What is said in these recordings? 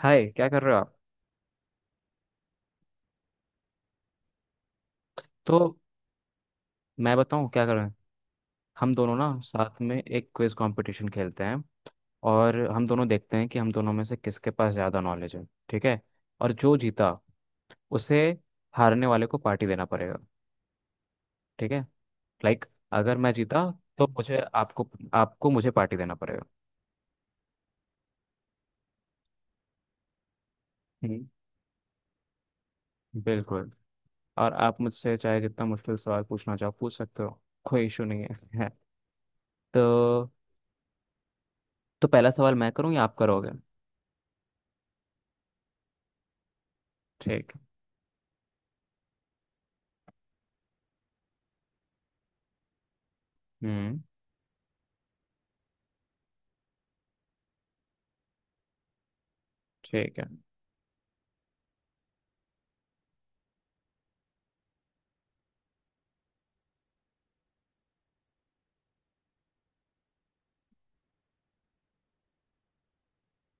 हाय, क्या कर रहे हो आप। तो मैं बताऊं क्या कर रहे हैं। हम दोनों ना साथ में एक क्विज कंपटीशन खेलते हैं। और हम दोनों देखते हैं कि हम दोनों में से किसके पास ज़्यादा नॉलेज है। ठीक है। और जो जीता उसे हारने वाले को पार्टी देना पड़ेगा। ठीक है। लाइक अगर मैं जीता तो मुझे आपको आपको मुझे पार्टी देना पड़ेगा। हम्म। बिल्कुल। और आप मुझसे चाहे जितना मुश्किल सवाल पूछना चाहो पूछ सकते हो। कोई इशू नहीं है। तो तो पहला सवाल मैं करूँ या आप करोगे? ठीक। हम्म। ठीक है।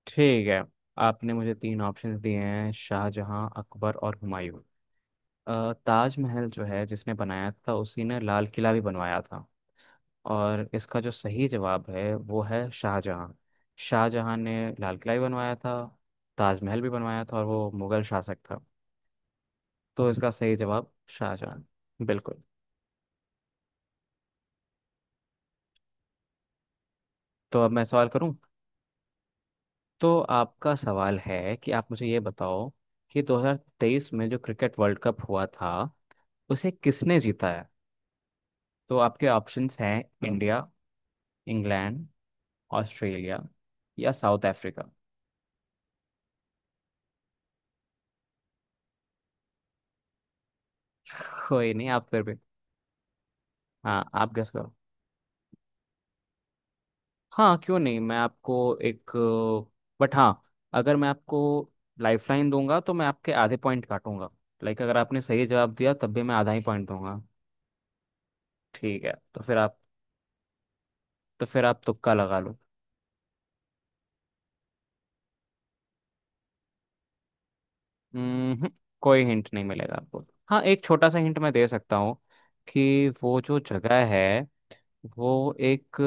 ठीक है, आपने मुझे तीन ऑप्शंस दिए हैं, शाहजहां, अकबर और हुमायूं। ताजमहल जो है जिसने बनाया था उसी ने लाल किला भी बनवाया था। और इसका जो सही जवाब है वो है शाहजहां। शाहजहां ने लाल किला भी बनवाया था, ताजमहल भी बनवाया था और वो मुगल शासक था। तो इसका सही जवाब शाहजहां, बिल्कुल। तो अब मैं सवाल करूं। तो आपका सवाल है कि आप मुझे ये बताओ कि 2023 में जो क्रिकेट वर्ल्ड कप हुआ था उसे किसने जीता है। तो आपके ऑप्शंस हैं, इंडिया, इंग्लैंड, ऑस्ट्रेलिया या साउथ अफ्रीका। कोई नहीं, आप फिर भी। हाँ, आप गेस करो। हाँ, क्यों नहीं, मैं आपको एक, बट हाँ, अगर मैं आपको लाइफलाइन दूंगा तो मैं आपके आधे पॉइंट काटूंगा। लाइक अगर आपने सही जवाब दिया तब भी मैं आधा ही पॉइंट दूंगा। ठीक है, तो फिर आप तुक्का लगा लो। हम्म। कोई हिंट नहीं मिलेगा आपको। हाँ, एक छोटा सा हिंट मैं दे सकता हूँ कि वो जो जगह है वो एक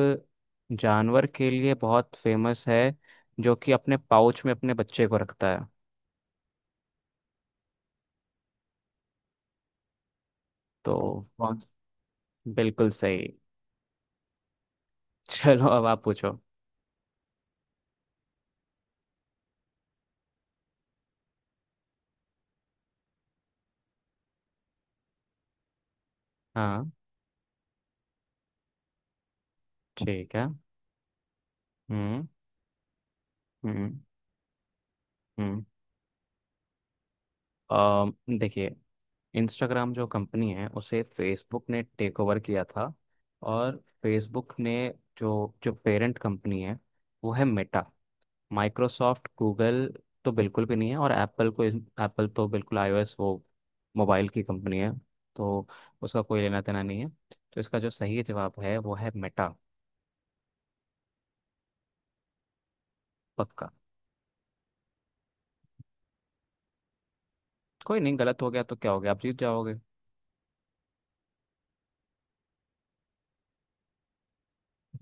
जानवर के लिए बहुत फेमस है जो कि अपने पाउच में अपने बच्चे को रखता है। तो कौन? बिल्कुल सही। चलो अब आप पूछो। हाँ। ठीक है। हम्म। हम्म। हम्म। अम, देखिए, इंस्टाग्राम जो कंपनी है उसे फेसबुक ने टेक ओवर किया था। और फेसबुक ने जो जो पेरेंट कंपनी है वो है मेटा। माइक्रोसॉफ्ट, गूगल तो बिल्कुल भी नहीं है। और एप्पल को, एप्पल तो बिल्कुल आईओएस, वो मोबाइल की कंपनी है। तो उसका कोई लेना देना नहीं है। तो इसका जो सही जवाब है वो है मेटा। पक्का। कोई नहीं, गलत हो गया तो क्या हो गया, आप जीत जाओगे।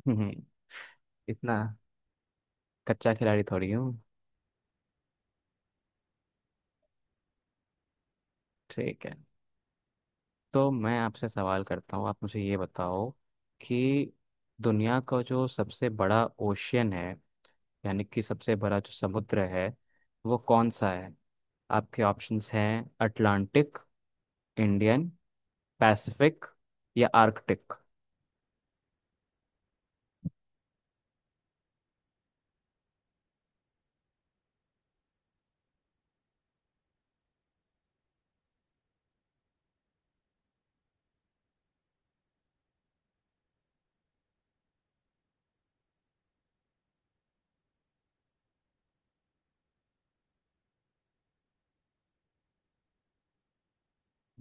हम्म। इतना कच्चा खिलाड़ी थोड़ी हूँ। ठीक है, तो मैं आपसे सवाल करता हूँ। आप मुझे ये बताओ कि दुनिया का जो सबसे बड़ा ओशियन है, यानी कि सबसे बड़ा जो समुद्र है, वो कौन सा है। आपके ऑप्शंस हैं, अटलांटिक, इंडियन, पैसिफिक या आर्कटिक।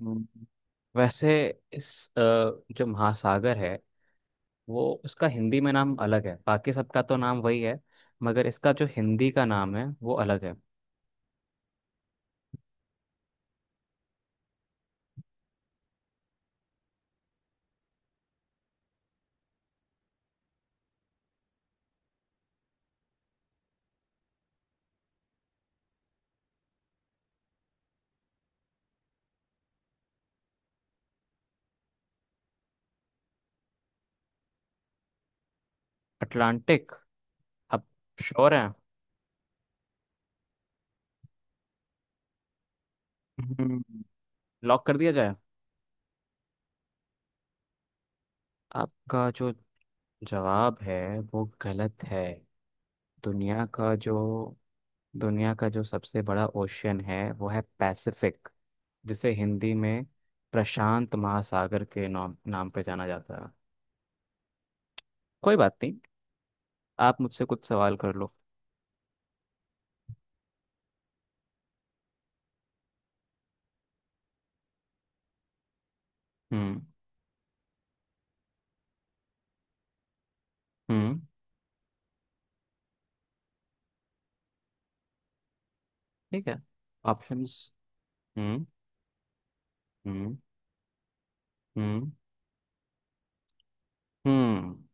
हम्म। वैसे इस अ, जो महासागर है वो उसका हिंदी में नाम अलग है, बाकी सबका तो नाम वही है। मगर इसका जो हिंदी का नाम है वो अलग है। अटलांटिक? आप श्योर हैं? लॉक कर दिया जाए? आपका जो जवाब है वो गलत है। दुनिया का जो दुनिया का जो सबसे बड़ा ओशियन है वो है पैसिफिक। जिसे हिंदी में प्रशांत महासागर के नाम नाम पे जाना जाता है। कोई बात नहीं, आप मुझसे कुछ सवाल कर लो। हम्म। हम्म। ठीक है। ऑप्शंस। हम्म। हम्म। हम्म। हम्म।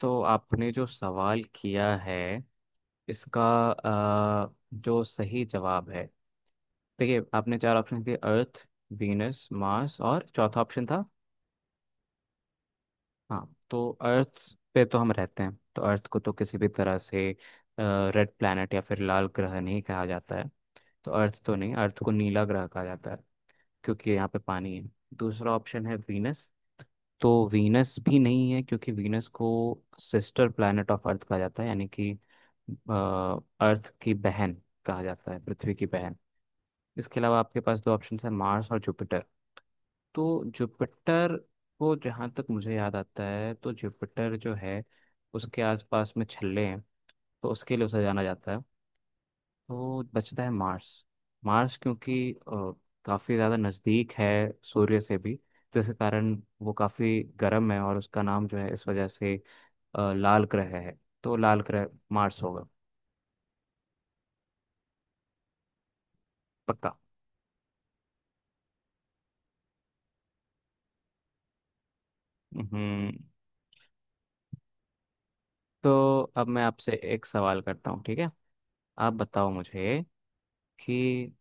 तो आपने जो सवाल किया है इसका जो सही जवाब है, देखिए आपने चार ऑप्शन दिए, अर्थ, वीनस, मार्स और चौथा ऑप्शन था, हाँ, तो अर्थ पे तो हम रहते हैं, तो अर्थ को तो किसी भी तरह से रेड प्लैनेट या फिर लाल ग्रह नहीं कहा जाता है। तो अर्थ तो नहीं, अर्थ को नीला ग्रह कहा जाता है, क्योंकि यहाँ पे पानी है। दूसरा ऑप्शन है वीनस। तो वीनस भी नहीं है, क्योंकि वीनस को सिस्टर प्लैनेट ऑफ अर्थ कहा जाता है, यानी कि अर्थ की बहन कहा जाता है, पृथ्वी की बहन। इसके अलावा आपके पास दो ऑप्शन है, मार्स और जुपिटर। तो जुपिटर को जहाँ तक मुझे याद आता है, तो जुपिटर जो है उसके आसपास में छल्ले हैं। तो उसके लिए उसे जाना जाता है। तो बचता है मार्स। मार्स, क्योंकि काफ़ी ज़्यादा नज़दीक है, सूर्य से भी, जिस कारण वो काफ़ी गर्म है और उसका नाम जो है इस वजह से लाल ग्रह है। तो लाल ग्रह मार्स होगा। पक्का। हम्म। तो अब मैं आपसे एक सवाल करता हूँ। ठीक है, आप बताओ मुझे कि,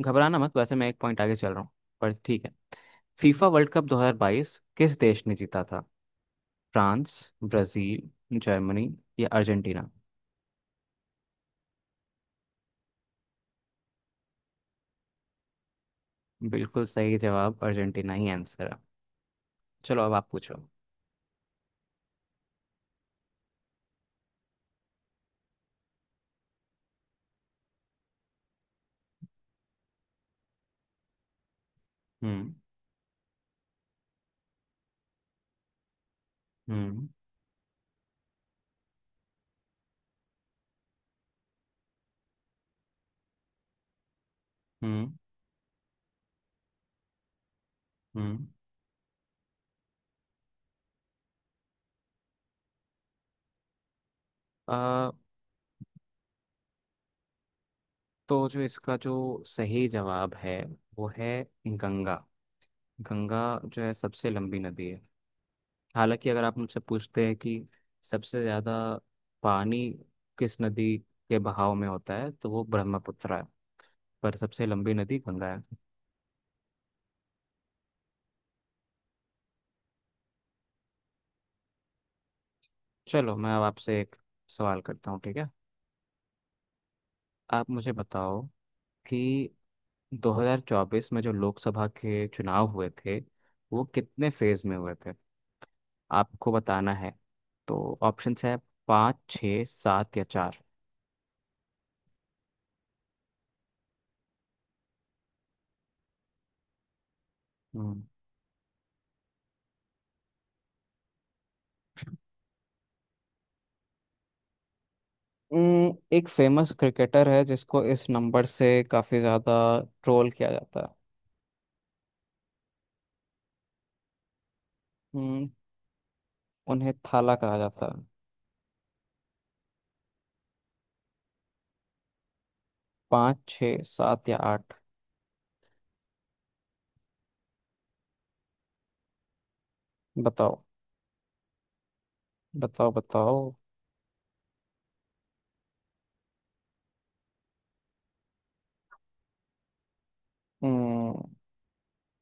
घबराना मत, वैसे मैं एक पॉइंट आगे चल रहा हूँ, पर ठीक है, फीफा वर्ल्ड कप 2022 किस देश ने जीता था? फ्रांस, ब्राजील, जर्मनी या अर्जेंटीना? बिल्कुल सही जवाब, अर्जेंटीना ही आंसर है। चलो अब आप पूछो। हम्म। हम्म। हम्म। हम्म। अ, तो जो इसका जो सही जवाब है वो है गंगा। गंगा जो है सबसे लंबी नदी है। हालांकि अगर आप मुझसे पूछते हैं कि सबसे ज़्यादा पानी किस नदी के बहाव में होता है, तो वो ब्रह्मपुत्र है। पर सबसे लंबी नदी गंगा है। चलो मैं अब आपसे एक सवाल करता हूँ। ठीक है, आप मुझे बताओ कि 2024 में जो लोकसभा के चुनाव हुए थे वो कितने फेज में हुए थे। आपको बताना है, तो ऑप्शंस है, पाँच, छः, सात या चार। एक फेमस क्रिकेटर है जिसको इस नंबर से काफी ज्यादा ट्रोल किया जाता है। उम, उन्हें थाला कहा जाता है। पाँच, छः, सात या आठ? बताओ, बताओ, बताओ। उम,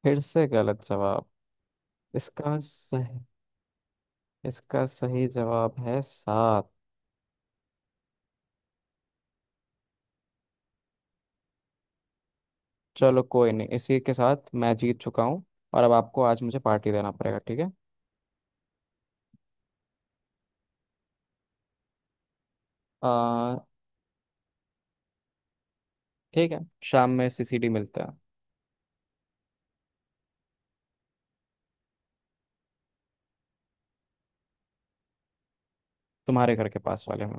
फिर से गलत जवाब। इसका सही इसका सही जवाब है सात। चलो कोई नहीं, इसी के साथ मैं जीत चुका हूँ। और अब आपको आज मुझे पार्टी देना पड़ेगा, ठीक है। आ, ठीक है, शाम में सीसीडी मिलता है। तुम्हारे घर के पास वाले में।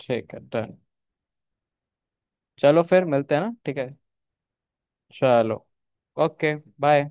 ठीक है, डन। चलो फिर मिलते हैं ना, ठीक है। चलो। ओके। बाय।